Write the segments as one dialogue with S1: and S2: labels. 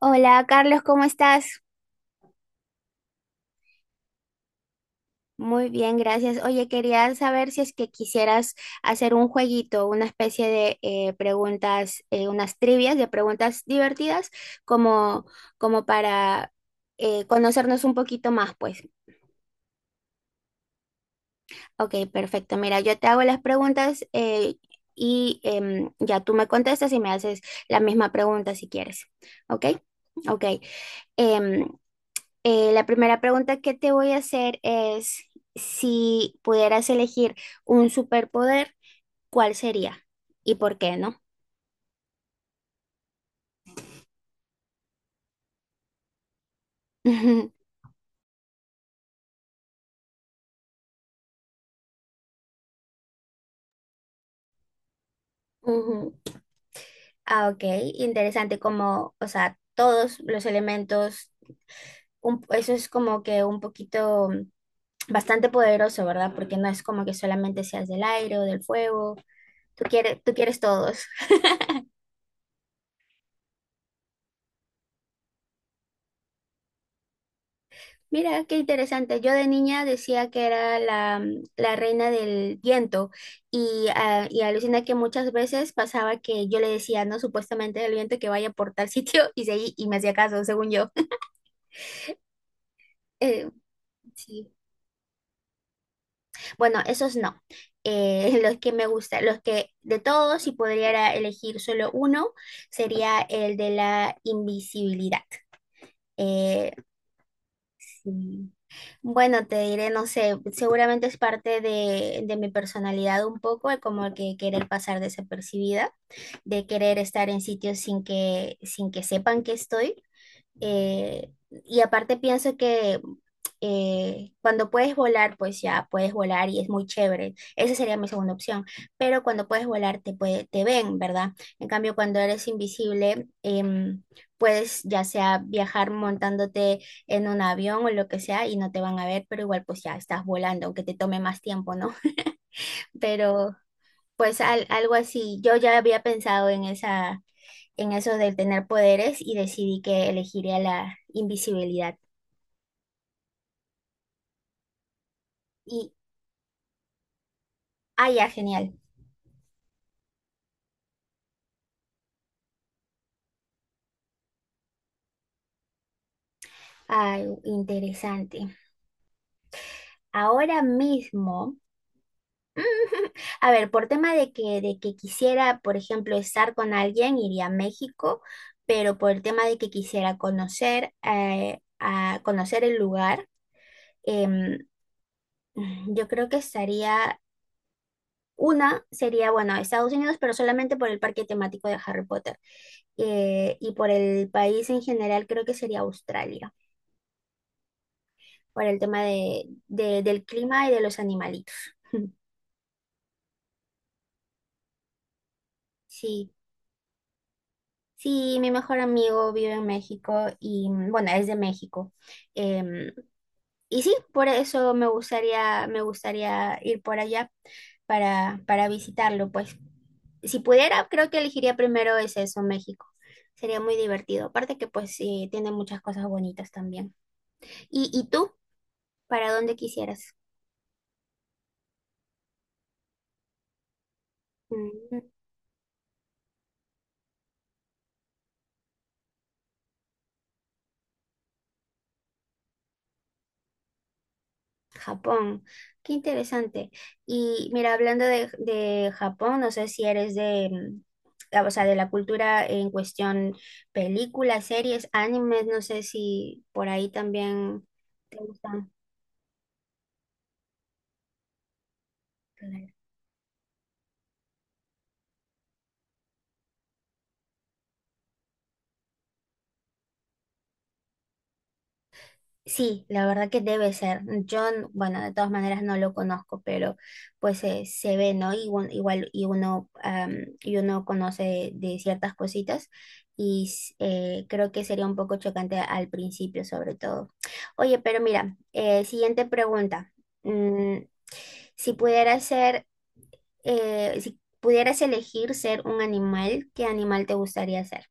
S1: Hola, Carlos, ¿cómo estás? Muy bien, gracias. Oye, quería saber si es que quisieras hacer un jueguito, una especie de preguntas, unas trivias de preguntas divertidas, como, como para conocernos un poquito más, pues. Ok, perfecto. Mira, yo te hago las preguntas y ya tú me contestas y me haces la misma pregunta si quieres. Ok, ok. Em, la primera pregunta que te voy a hacer es si pudieras elegir un superpoder, ¿cuál sería? ¿Y por qué no? Ujú. Ah, ok, interesante como, o sea, todos los elementos, eso es como que un poquito bastante poderoso, ¿verdad? Porque no es como que solamente seas del aire o del fuego, tú quieres todos. Mira, qué interesante. Yo de niña decía que era la reina del viento y, ah, y alucina que muchas veces pasaba que yo le decía, no, supuestamente el viento que vaya por tal sitio y me hacía caso, según yo. Eh, sí. Bueno, esos no. Los que me gustan, los que de todos, si pudiera elegir solo uno, sería el de la invisibilidad. Eh, sí. Bueno, te diré, no sé, seguramente es parte de mi personalidad un poco, el como que querer pasar desapercibida, de querer estar en sitios sin que sepan que estoy. Y aparte pienso que cuando puedes volar, pues ya puedes volar y es muy chévere. Esa sería mi segunda opción. Pero cuando puedes volar, te ven, ¿verdad? En cambio, cuando eres invisible, puedes ya sea viajar montándote en un avión o lo que sea y no te van a ver, pero igual pues ya estás volando, aunque te tome más tiempo, ¿no? Pero pues algo así. Yo ya había pensado en esa en eso del tener poderes y decidí que elegiría la invisibilidad. Y, ah, ya, genial. Ay, interesante. Ahora mismo, a ver, por tema de que quisiera, por ejemplo, estar con alguien, iría a México, pero por el tema de que quisiera conocer, a conocer el lugar, em, yo creo que estaría una sería, bueno, Estados Unidos, pero solamente por el parque temático de Harry Potter. Y por el país en general creo que sería Australia, por el tema del clima y de los animalitos. Sí, sí, mi mejor amigo vive en México y bueno, es de México. em, Y sí, por eso me gustaría ir por allá para visitarlo, pues. Si pudiera, creo que elegiría primero es eso, México. Sería muy divertido. Aparte que pues sí, tiene muchas cosas bonitas también. Y tú? ¿Para dónde quisieras? Mm. Japón, qué interesante. Y mira, hablando de Japón, no sé si eres o sea, de la cultura en cuestión, películas, series, animes, no sé si por ahí también te gustan. Sí, la verdad que debe ser. Bueno, de todas maneras no lo conozco, pero pues se ve, ¿no? Igual, y uno, y uno conoce de ciertas cositas creo que sería un poco chocante al principio, sobre todo. Oye, pero mira, siguiente pregunta. Mm, si pudieras ser, si pudieras elegir ser un animal, ¿qué animal te gustaría ser?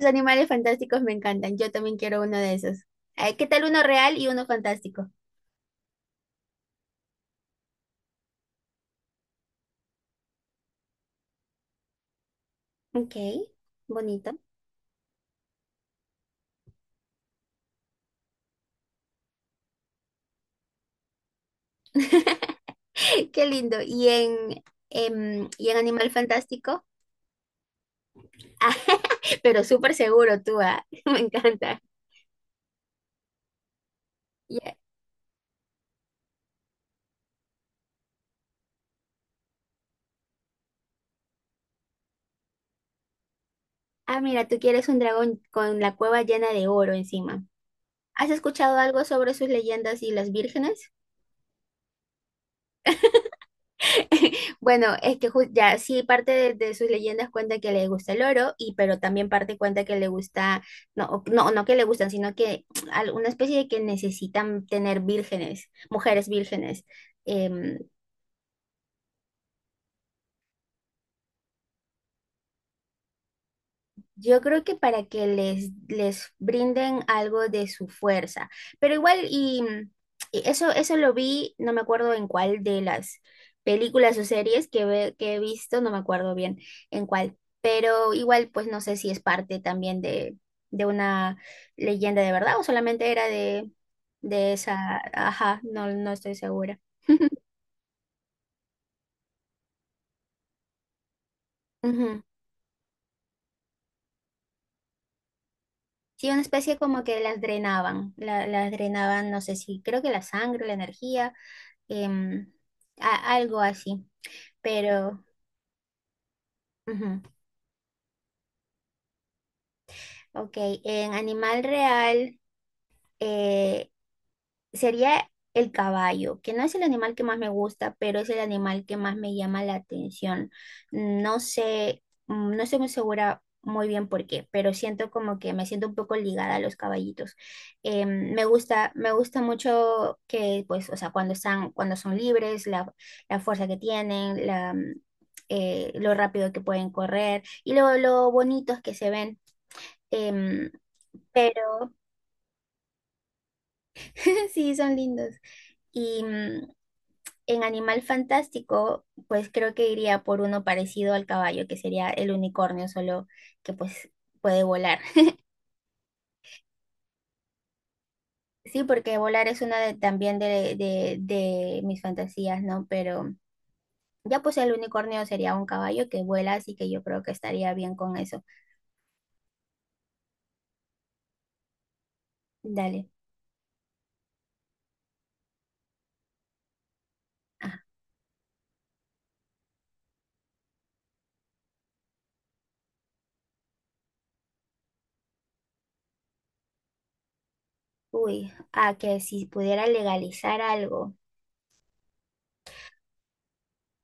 S1: Los animales fantásticos me encantan. Yo también quiero uno de esos. Ay, ¿qué tal uno real y uno fantástico? Ok, bonito. Qué lindo. Y en animal fantástico, Ah, pero súper seguro tú, ah. Me encanta. Y- Ah, mira, tú quieres un dragón con la cueva llena de oro encima. ¿Has escuchado algo sobre sus leyendas y las vírgenes? Bueno, ya sí, parte de sus leyendas cuenta que le gusta el oro, y pero también parte cuenta que le gusta, no que le gustan, sino que una especie de que necesitan tener vírgenes, mujeres vírgenes. em, Yo creo que para que les brinden algo de su fuerza. Pero igual, y eso lo vi, no me acuerdo en cuál de las películas o series que he visto, no me acuerdo bien en cuál. Pero igual, pues no sé si es parte también de una leyenda de verdad o solamente era de esa. Ajá, no, no estoy segura. Ujú. Sí, una especie como que las drenaban, las drenaban, no sé si, creo que la sangre, la energía em, algo así, pero, ujú, ok, en animal real, eh, sería el caballo, que no es el animal que más me gusta, pero es el animal que más me llama la atención. No sé, mm, no estoy muy segura muy bien por qué, pero siento como que me siento un poco ligada a los caballitos. Me gusta mucho que, pues, o sea, cuando son libres, la fuerza que tienen, lo rápido que pueden correr y lo bonitos que se ven. Em, pero Sí, son lindos. Y mm, en Animal Fantástico, pues creo que iría por uno parecido al caballo, que sería el unicornio, solo que pues puede volar. Sí, porque volar es una de, también de mis fantasías, ¿no? Pero ya pues el unicornio sería un caballo que vuela, así que yo creo que estaría bien con eso. Dale. Ah, uy, ah, que si pudiera legalizar algo.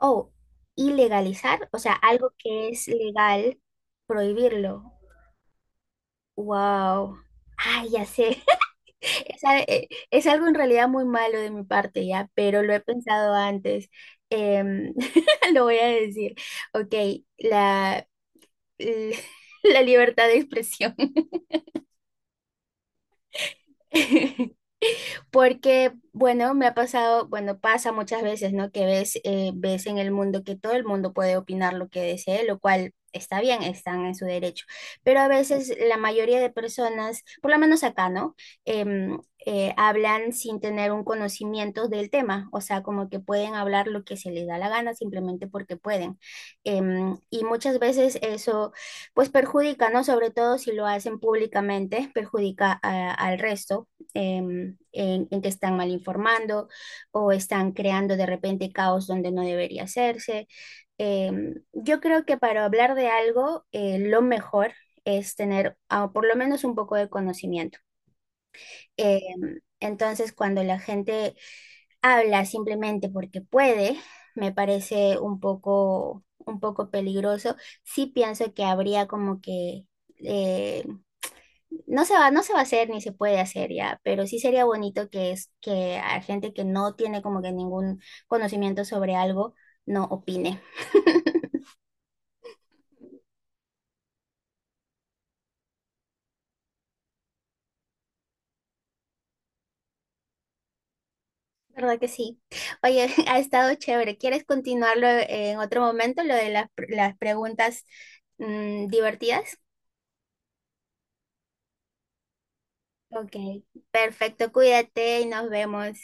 S1: Oh, ilegalizar, o sea, algo que es legal, prohibirlo. Wow. Ay, ya sé. Es, es algo en realidad muy malo de mi parte, ya, pero lo he pensado antes. Em, lo voy a decir. Ok, la, l- la libertad de expresión. Porque, bueno, me ha pasado, bueno, pasa muchas veces, ¿no? Que ves, ves en el mundo que todo el mundo puede opinar lo que desee, lo cual está bien, están en su derecho. Pero a veces la mayoría de personas, por lo menos acá, ¿no? Em, hablan sin tener un conocimiento del tema, o sea, como que pueden hablar lo que se les da la gana simplemente porque pueden. Em, y muchas veces eso, pues perjudica, ¿no? Sobre todo si lo hacen públicamente, perjudica al resto eh, en, en, que están mal informando o están creando de repente caos donde no debería hacerse. Eh, yo creo que para hablar de algo, lo mejor es tener ah, por lo menos un poco de conocimiento. Eh, entonces, cuando la gente habla simplemente porque puede, me parece un poco peligroso. Sí pienso que habría como que eh, no se va a hacer ni se puede hacer ya, pero sí sería bonito que es que a gente que no tiene como que ningún conocimiento sobre algo no opine. ¿Verdad que sí? Oye, ha estado chévere. ¿Quieres continuarlo en otro momento, lo las preguntas mm, divertidas? Ok, perfecto. Cuídate y nos vemos.